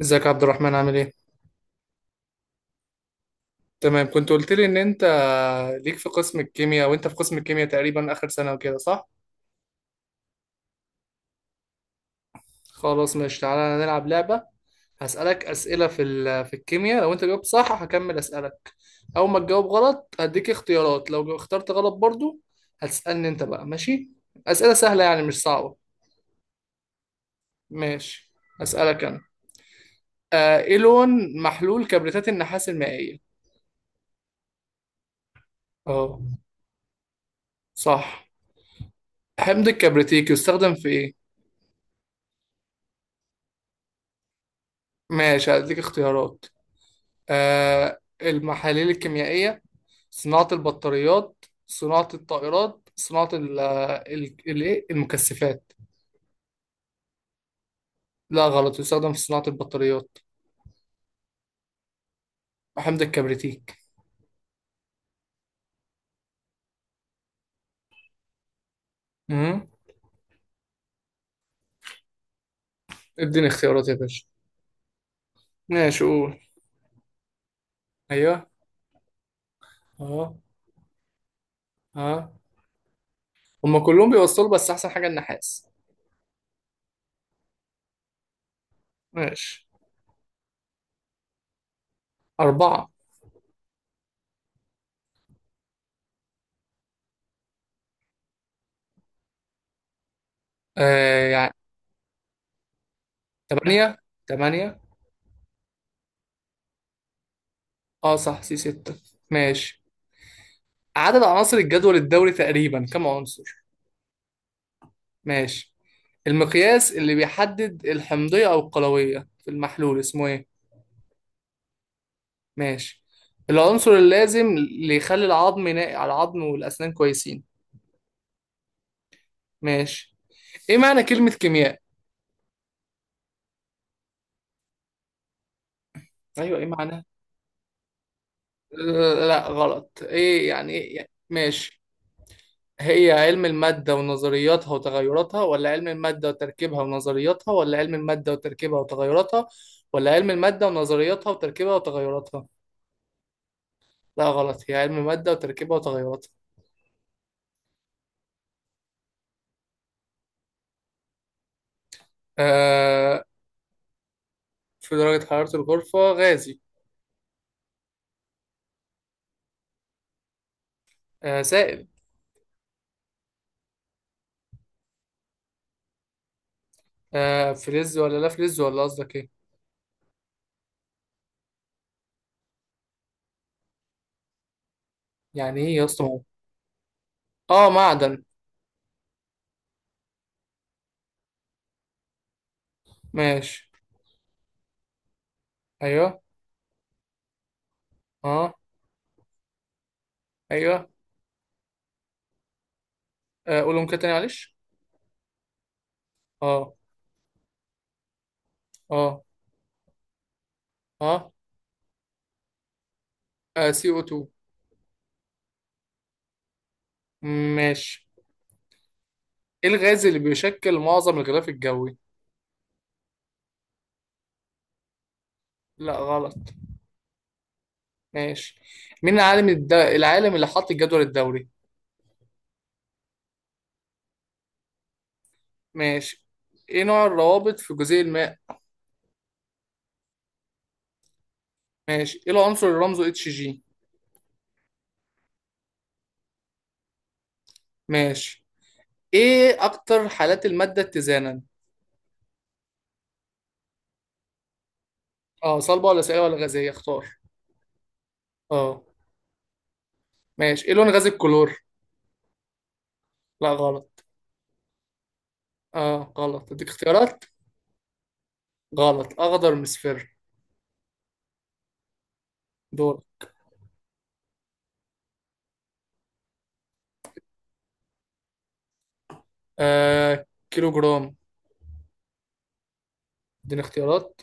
ازيك يا عبد الرحمن عامل ايه؟ تمام كنت قلت لي ان انت ليك في قسم الكيمياء وانت في قسم الكيمياء تقريبا اخر سنة وكده صح؟ خلاص ماشي، تعالى نلعب لعبة. هسألك اسئلة في الكيمياء. لو انت جاوبت صح هكمل اسألك، اول ما تجاوب غلط هديك اختيارات، لو اخترت غلط برضو هتسألني انت بقى، ماشي؟ اسئلة سهلة يعني مش صعبة. ماشي، اسألك انا. آه، ايه لون محلول كبريتات النحاس المائية؟ اه صح. حمض الكبريتيك يستخدم في ايه؟ ماشي، هديك اختيارات. المحاليل الكيميائية، صناعة البطاريات، صناعة الطائرات، صناعة الإيه؟ المكثفات. لا غلط، يستخدم في صناعة البطاريات، حمض الكبريتيك. مم. اديني اختيارات يا باشا. ماشي، قول. ايوه. اه. اه. هما كلهم بيوصلوا بس احسن حاجة النحاس. ماشي. أربعة. آه يعني. تمانية. تمانية. اه صح، سي ستة. ماشي، عدد عناصر الجدول الدوري تقريبا كم عنصر؟ ماشي. المقياس اللي بيحدد الحمضية أو القلوية في المحلول اسمه إيه؟ ماشي. العنصر اللازم اللي يخلي العظم ناقي على العظم والأسنان كويسين. ماشي. إيه معنى كلمة كيمياء؟ أيوه، إيه معنى؟ لا غلط. إيه يعني ماشي. هي علم المادة ونظرياتها وتغيراتها، ولا علم المادة وتركيبها ونظرياتها، ولا علم المادة وتركيبها وتغيراتها، ولا علم المادة ونظرياتها وتركيبها وتغيراتها؟ لا غلط، هي علم المادة وتركيبها وتغيراتها. آه، في درجة حرارة الغرفة غازي. آه سائل. آه فلز ولا لا فلز، ولا قصدك ايه؟ يعني ايه يا اسطى اه معدن. ماشي. ايوه. اه. ايوه. آه قولهم كده تاني معلش. اه. اه. اه, آه سي او 2. ماشي، ايه الغاز اللي بيشكل معظم الغلاف الجوي؟ لا غلط. ماشي. مين العالم اللي حط الجدول الدوري؟ ماشي. ايه نوع الروابط في جزيء الماء؟ ماشي. ايه العنصر اللي رمزه اتش جي؟ ماشي. ايه اكتر حالات المادة اتزانا؟ اه صلبة ولا سائلة ولا غازية، اختار. اه. ماشي. ايه لون غاز الكلور؟ لا غلط. اه غلط، اديك اختيارات. غلط، اخضر مصفر. دور. آه كيلو جرام. اديني اختيارات.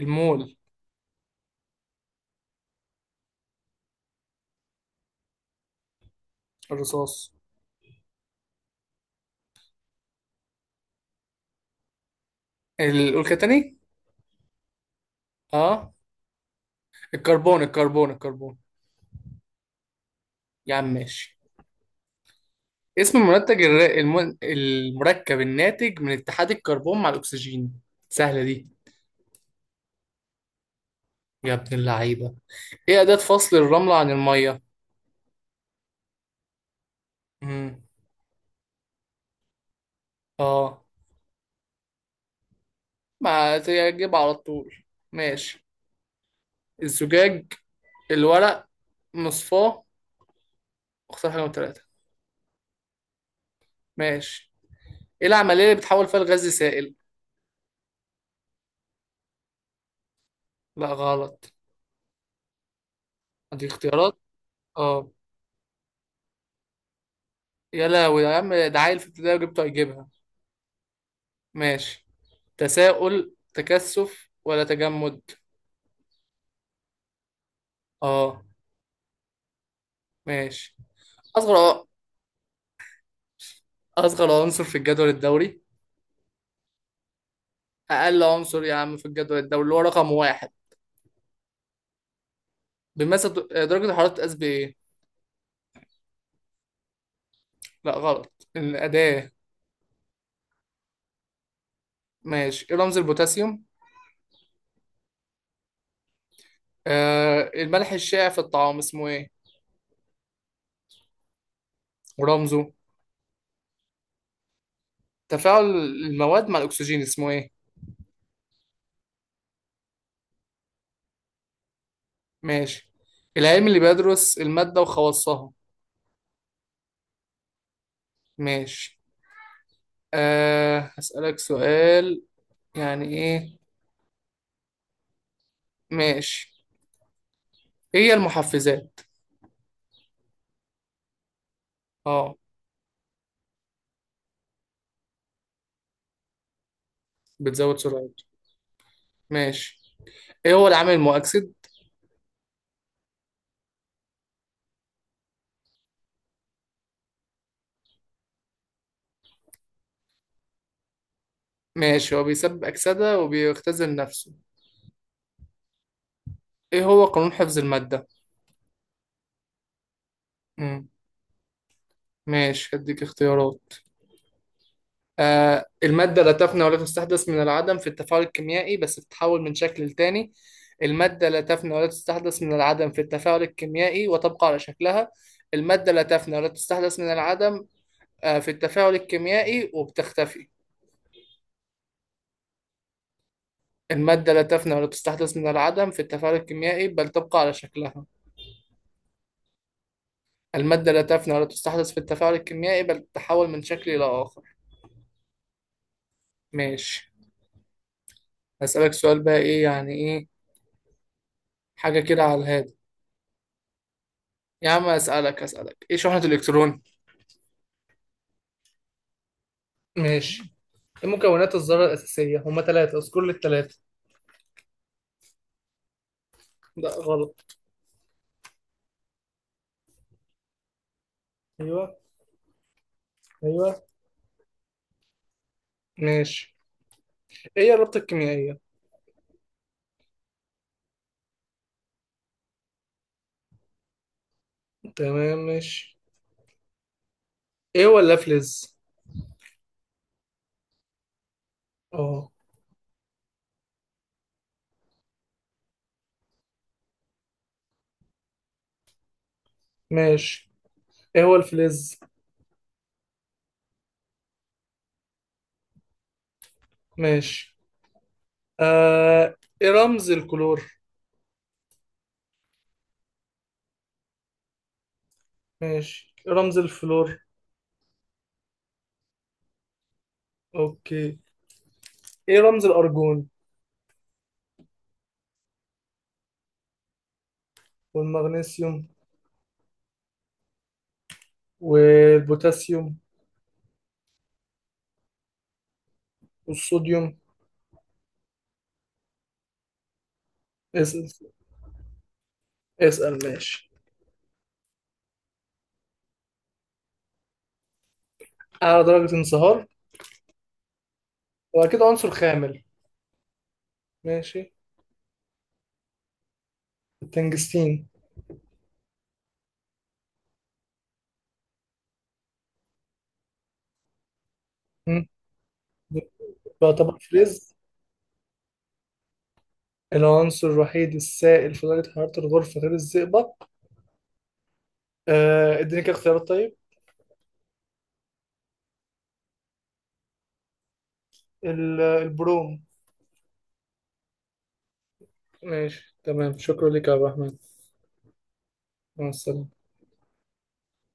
المول. الرصاص. قول كده تاني. اه. الكربون، الكربون، الكربون. يا عم ماشي. اسم المنتج المركب الناتج من اتحاد الكربون مع الاكسجين، سهلة دي. يا ابن اللعيبة. ايه اداة فصل الرملة عن المية؟ اه. ما تجيب على طول؟ ماشي. الزجاج، الورق، مصفاه، اختار حاجة من ثلاثة. ماشي. ايه العملية اللي بتحول فيها الغاز لسائل؟ لا غلط. ادي اختيارات. اه. يا لهوي يا عم، ده عيل في ابتدائي وجبته هيجيبها. ماشي. تساؤل، تكثف ولا تجمد؟ اه. ماشي. اصغر اصغر عنصر في الجدول الدوري، اقل عنصر يا عم في الجدول الدوري اللي هو رقم واحد بيمثل. درجة الحرارة بتتقاس بايه؟ لا غلط، الأداة. ماشي. إيه رمز البوتاسيوم؟ آه الملح الشائع في الطعام اسمه إيه؟ ورمزه؟ تفاعل المواد مع الأكسجين اسمه إيه؟ ماشي. العلم اللي بيدرس المادة وخواصها. ماشي. آه هسألك سؤال. يعني إيه؟ ماشي. إيه هي المحفزات؟ آه بتزود سرعة. ماشي. إيه هو العامل المؤكسد؟ ماشي، هو بيسبب أكسدة وبيختزل نفسه. إيه هو قانون حفظ المادة؟ مم. ماشي، هديك اختيارات. آه، المادة لا تفنى ولا تستحدث من العدم في التفاعل الكيميائي بس بتتحول من شكل لتاني. المادة لا تفنى ولا تستحدث من العدم في التفاعل الكيميائي وتبقى على شكلها. المادة لا تفنى ولا تستحدث من العدم، آه، في التفاعل الكيميائي وبتختفي. المادة لا تفنى ولا تستحدث من العدم في التفاعل الكيميائي بل تبقى على شكلها. المادة لا تفنى ولا تستحدث في التفاعل الكيميائي بل تتحول من شكل إلى آخر. ماشي. هسألك سؤال بقى، إيه يعني إيه، حاجة كده على الهادي. يا عم أسألك إيه شحنة الإلكترون؟ ماشي. ايه مكونات الذرة الأساسية؟ هما ثلاثة، اذكر لي الثلاثة. لا غلط. أيوه. أيوه. ماشي. ايه هي الرابطة الكيميائية؟ تمام، ماشي. ايه هو اللافلز؟ اه. ماشي. ايه هو الفلز؟ ماشي. آه ايه رمز الكلور؟ ماشي. ايه رمز الفلور؟ اوكي. ايه رمز الأرجون؟ والمغنيسيوم؟ والبوتاسيوم؟ والصوديوم؟ اسأل. اسأل ماشي. أعلى درجة انصهار، وأكيد عنصر خامل. ماشي. تنجستين. مم. بيعتبر فلز. العنصر الوحيد السائل في درجة حرارة الغرفة غير الزئبق. آه اديني كده اختيارات طيب. البروم. ماشي تمام، شكرا لك يا عبد الرحمن. مع السلامة.